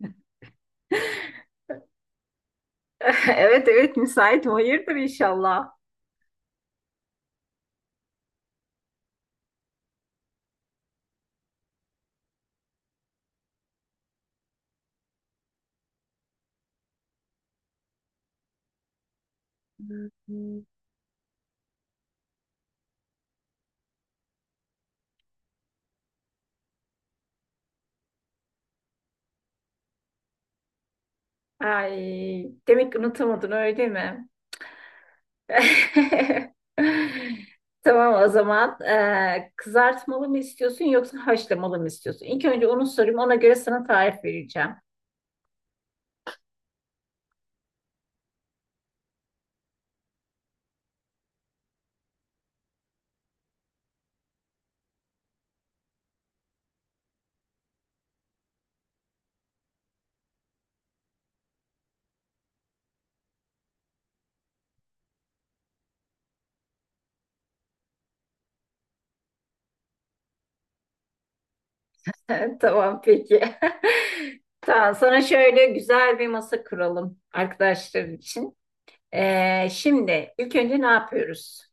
Evet evet, müsaitim. Hayırdır inşallah. Ay, demek ki unutamadın, öyle mi? Tamam, o zaman kızartmalı mı istiyorsun yoksa haşlamalı mı istiyorsun? İlk önce onu sorayım, ona göre sana tarif vereceğim. Tamam, peki. Tamam, sana şöyle güzel bir masa kuralım arkadaşların için. Şimdi ilk önce ne yapıyoruz?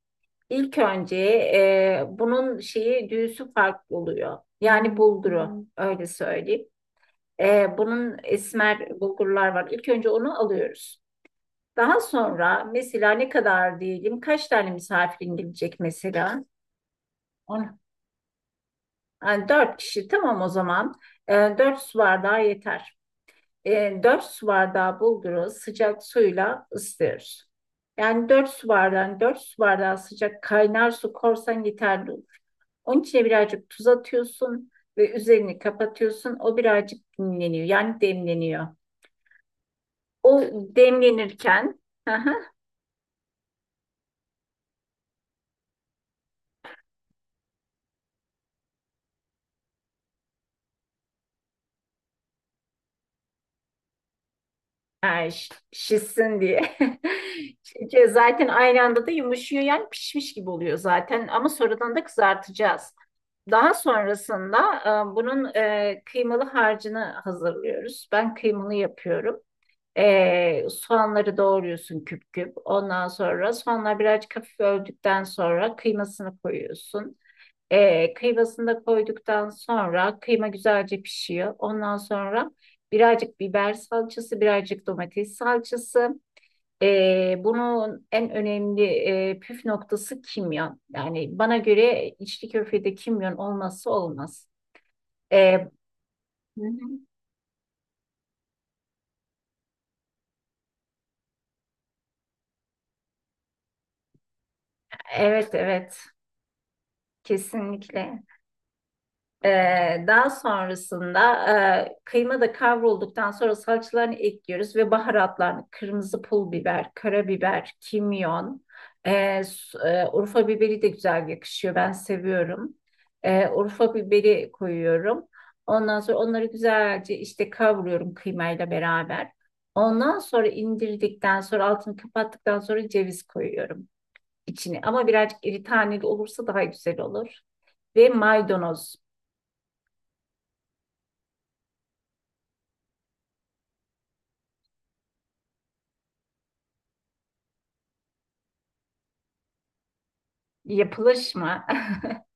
İlk önce bunun şeyi, düğüsü farklı oluyor. Yani bulguru, öyle söyleyeyim. Bunun esmer bulgurlar var. İlk önce onu alıyoruz. Daha sonra mesela ne kadar diyelim, kaç tane misafirin gelecek mesela? On, yani dört kişi, tamam o zaman. Ee, dört su bardağı yeter. 4 su bardağı bulguru sıcak suyla ısıtıyoruz. Yani 4 su bardağı, 4 su bardağı sıcak kaynar su korsan yeterli olur. Onun içine birazcık tuz atıyorsun ve üzerini kapatıyorsun. O birazcık dinleniyor. Yani demleniyor. O demlenirken yani şişsin diye. Zaten aynı anda da yumuşuyor, yani pişmiş gibi oluyor zaten, ama sonradan da kızartacağız. Daha sonrasında bunun kıymalı harcını hazırlıyoruz. Ben kıymalı yapıyorum. Soğanları doğruyorsun küp küp. Ondan sonra soğanlar birazcık hafif öldükten sonra kıymasını koyuyorsun. Kıymasını da koyduktan sonra kıyma güzelce pişiyor. Ondan sonra birazcık biber salçası, birazcık domates salçası. Bunun en önemli püf noktası kimyon. Yani bana göre içli köftede kimyon olmazsa olmaz. Ee, Hı hı. Evet evet, kesinlikle. Daha sonrasında kıyma da kavrulduktan sonra salçalarını ekliyoruz ve baharatlarını, kırmızı pul biber, karabiber, kimyon, Urfa biberi de güzel yakışıyor. Ben seviyorum. Urfa biberi koyuyorum. Ondan sonra onları güzelce işte kavuruyorum kıymayla beraber. Ondan sonra indirdikten sonra, altını kapattıktan sonra ceviz koyuyorum içine. Ama birazcık iri taneli olursa daha güzel olur. Ve maydanoz. Yapılış mı?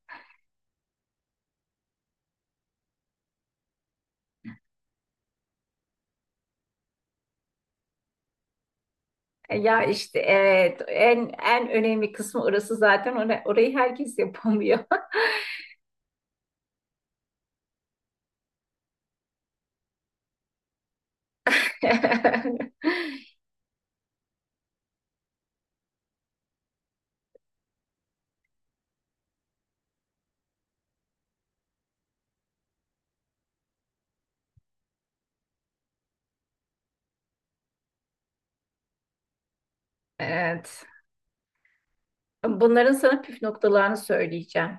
Ya işte evet, en önemli kısmı orası zaten. Orayı herkes yapamıyor. Evet. Bunların sana püf noktalarını söyleyeceğim.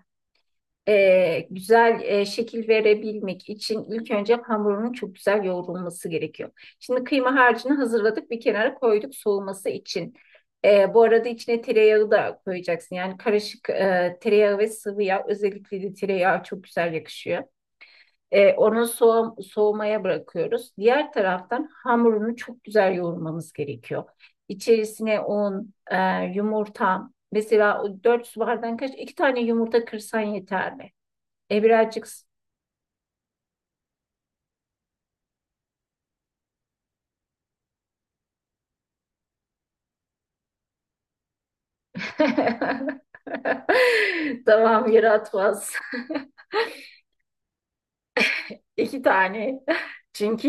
Güzel şekil verebilmek için ilk önce hamurunun çok güzel yoğrulması gerekiyor. Şimdi kıyma harcını hazırladık, bir kenara koyduk soğuması için. Bu arada içine tereyağı da koyacaksın. Yani karışık, tereyağı ve sıvı yağ, özellikle de tereyağı çok güzel yakışıyor. Onu soğumaya bırakıyoruz. Diğer taraftan hamurunu çok güzel yoğurmamız gerekiyor. İçerisine un, yumurta. Mesela o 4 su bardağın kaç? İki tane yumurta kırsan yeter mi? Birazcık... Tamam, yaratmaz. İki tane. Çünkü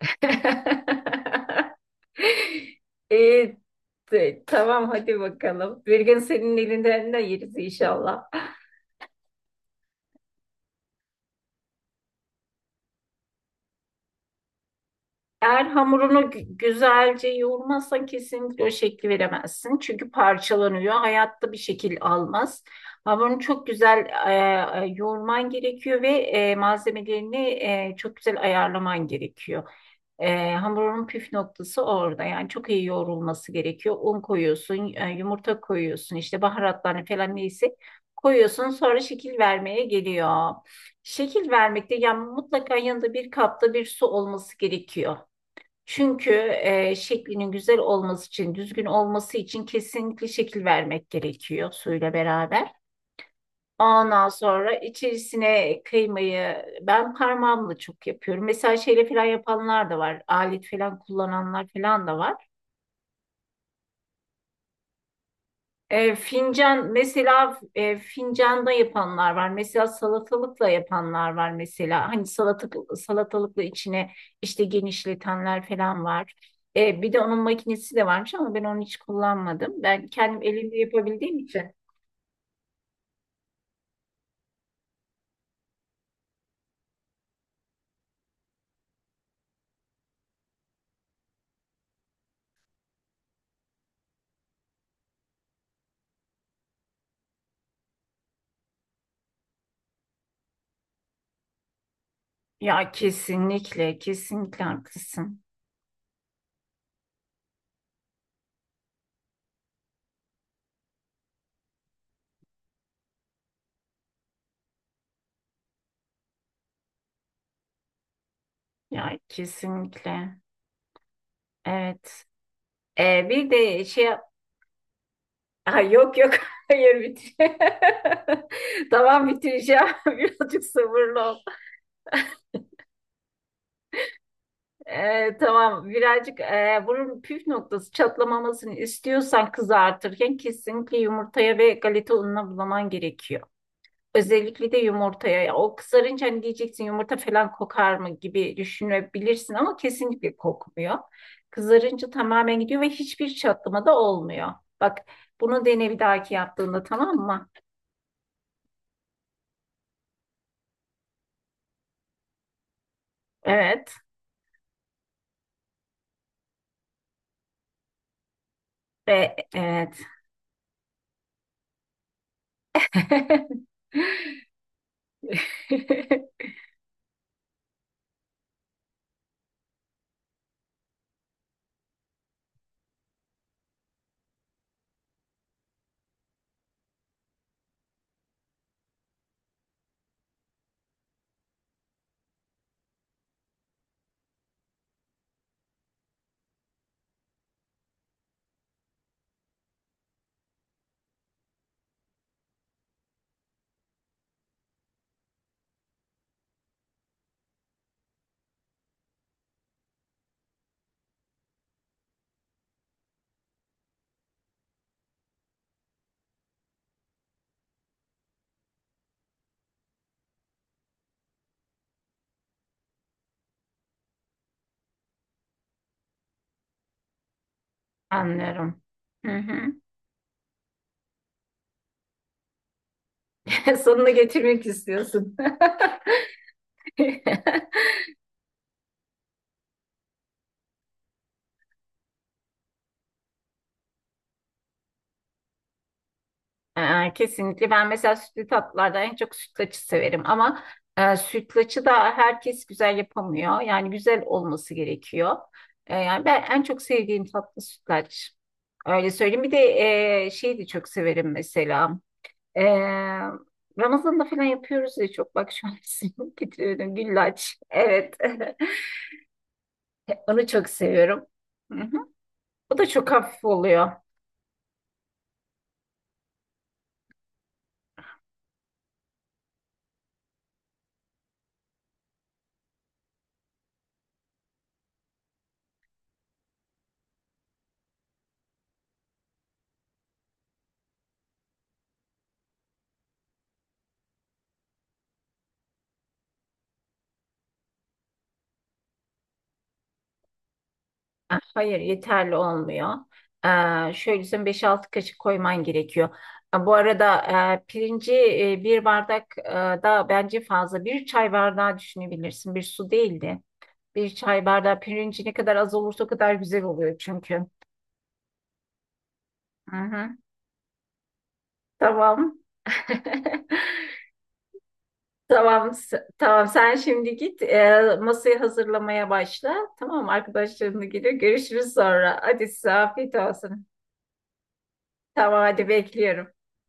E, tamam, hadi bakalım. Bir gün senin elinden de yeriz inşallah. Eğer hamurunu güzelce yoğurmazsan kesinlikle o şekli veremezsin. Çünkü parçalanıyor. Hayatta bir şekil almaz. Hamurunu çok güzel yoğurman gerekiyor ve malzemelerini çok güzel ayarlaman gerekiyor. Hamurun püf noktası orada. Yani çok iyi yoğrulması gerekiyor. Un koyuyorsun, yumurta koyuyorsun, işte baharatlarını falan, neyse koyuyorsun. Sonra şekil vermeye geliyor. Şekil vermekte yani mutlaka yanında bir kapta bir su olması gerekiyor. Çünkü şeklinin güzel olması için, düzgün olması için kesinlikle şekil vermek gerekiyor suyla beraber. Ondan sonra içerisine kıymayı ben parmağımla çok yapıyorum. Mesela şeyle falan yapanlar da var. Alet falan kullananlar falan da var. Fincan mesela, fincanda yapanlar var. Mesela salatalıkla yapanlar var mesela. Hani salatalık, salatalıkla içine işte genişletenler falan var. Bir de onun makinesi de varmış ama ben onu hiç kullanmadım. Ben kendim elimle yapabildiğim için. Ya kesinlikle, kesinlikle haklısın. Ya kesinlikle. Evet. E, bir de şey Ha, yok yok, hayır, bitir. Tamam, bitireceğim. Birazcık sabırlı ol. Tamam, birazcık, bunun püf noktası, çatlamamasını istiyorsan kızartırken kesinlikle yumurtaya ve galeta ununa bulaman gerekiyor. Özellikle de yumurtaya. O kızarınca hani diyeceksin yumurta falan kokar mı gibi düşünebilirsin, ama kesinlikle kokmuyor. Kızarınca tamamen gidiyor ve hiçbir çatlama da olmuyor. Bak, bunu dene bir dahaki yaptığında, tamam mı? Evet. Ve evet. Anlıyorum. Hı hı. Sonuna getirmek istiyorsun. Kesinlikle ben mesela sütlü tatlılardan en çok sütlaçı severim, ama sütlaçı da herkes güzel yapamıyor. Yani güzel olması gerekiyor. Yani ben en çok sevdiğim tatlı sütlaç. Öyle söyleyeyim. Bir de şeyi de çok severim mesela. E, Ramazan'da falan yapıyoruz ya, çok bak şu an isim getiriyorum. Güllaç. Evet. Onu çok seviyorum. Hı hı. O da çok hafif oluyor. Ah, hayır, yeterli olmuyor. Şöyle, sen beş altı kaşık koyman gerekiyor. Ha, bu arada pirinci, bir bardak da bence fazla. Bir çay bardağı düşünebilirsin. Bir su değildi. Bir çay bardağı pirinci ne kadar az olursa o kadar güzel oluyor çünkü. Hı hı. Tamam. Tamam, tamam. Sen şimdi git masayı hazırlamaya başla. Tamam, arkadaşlarınla geliyor. Görüşürüz sonra. Hadi, size afiyet olsun. Tamam, hadi bekliyorum.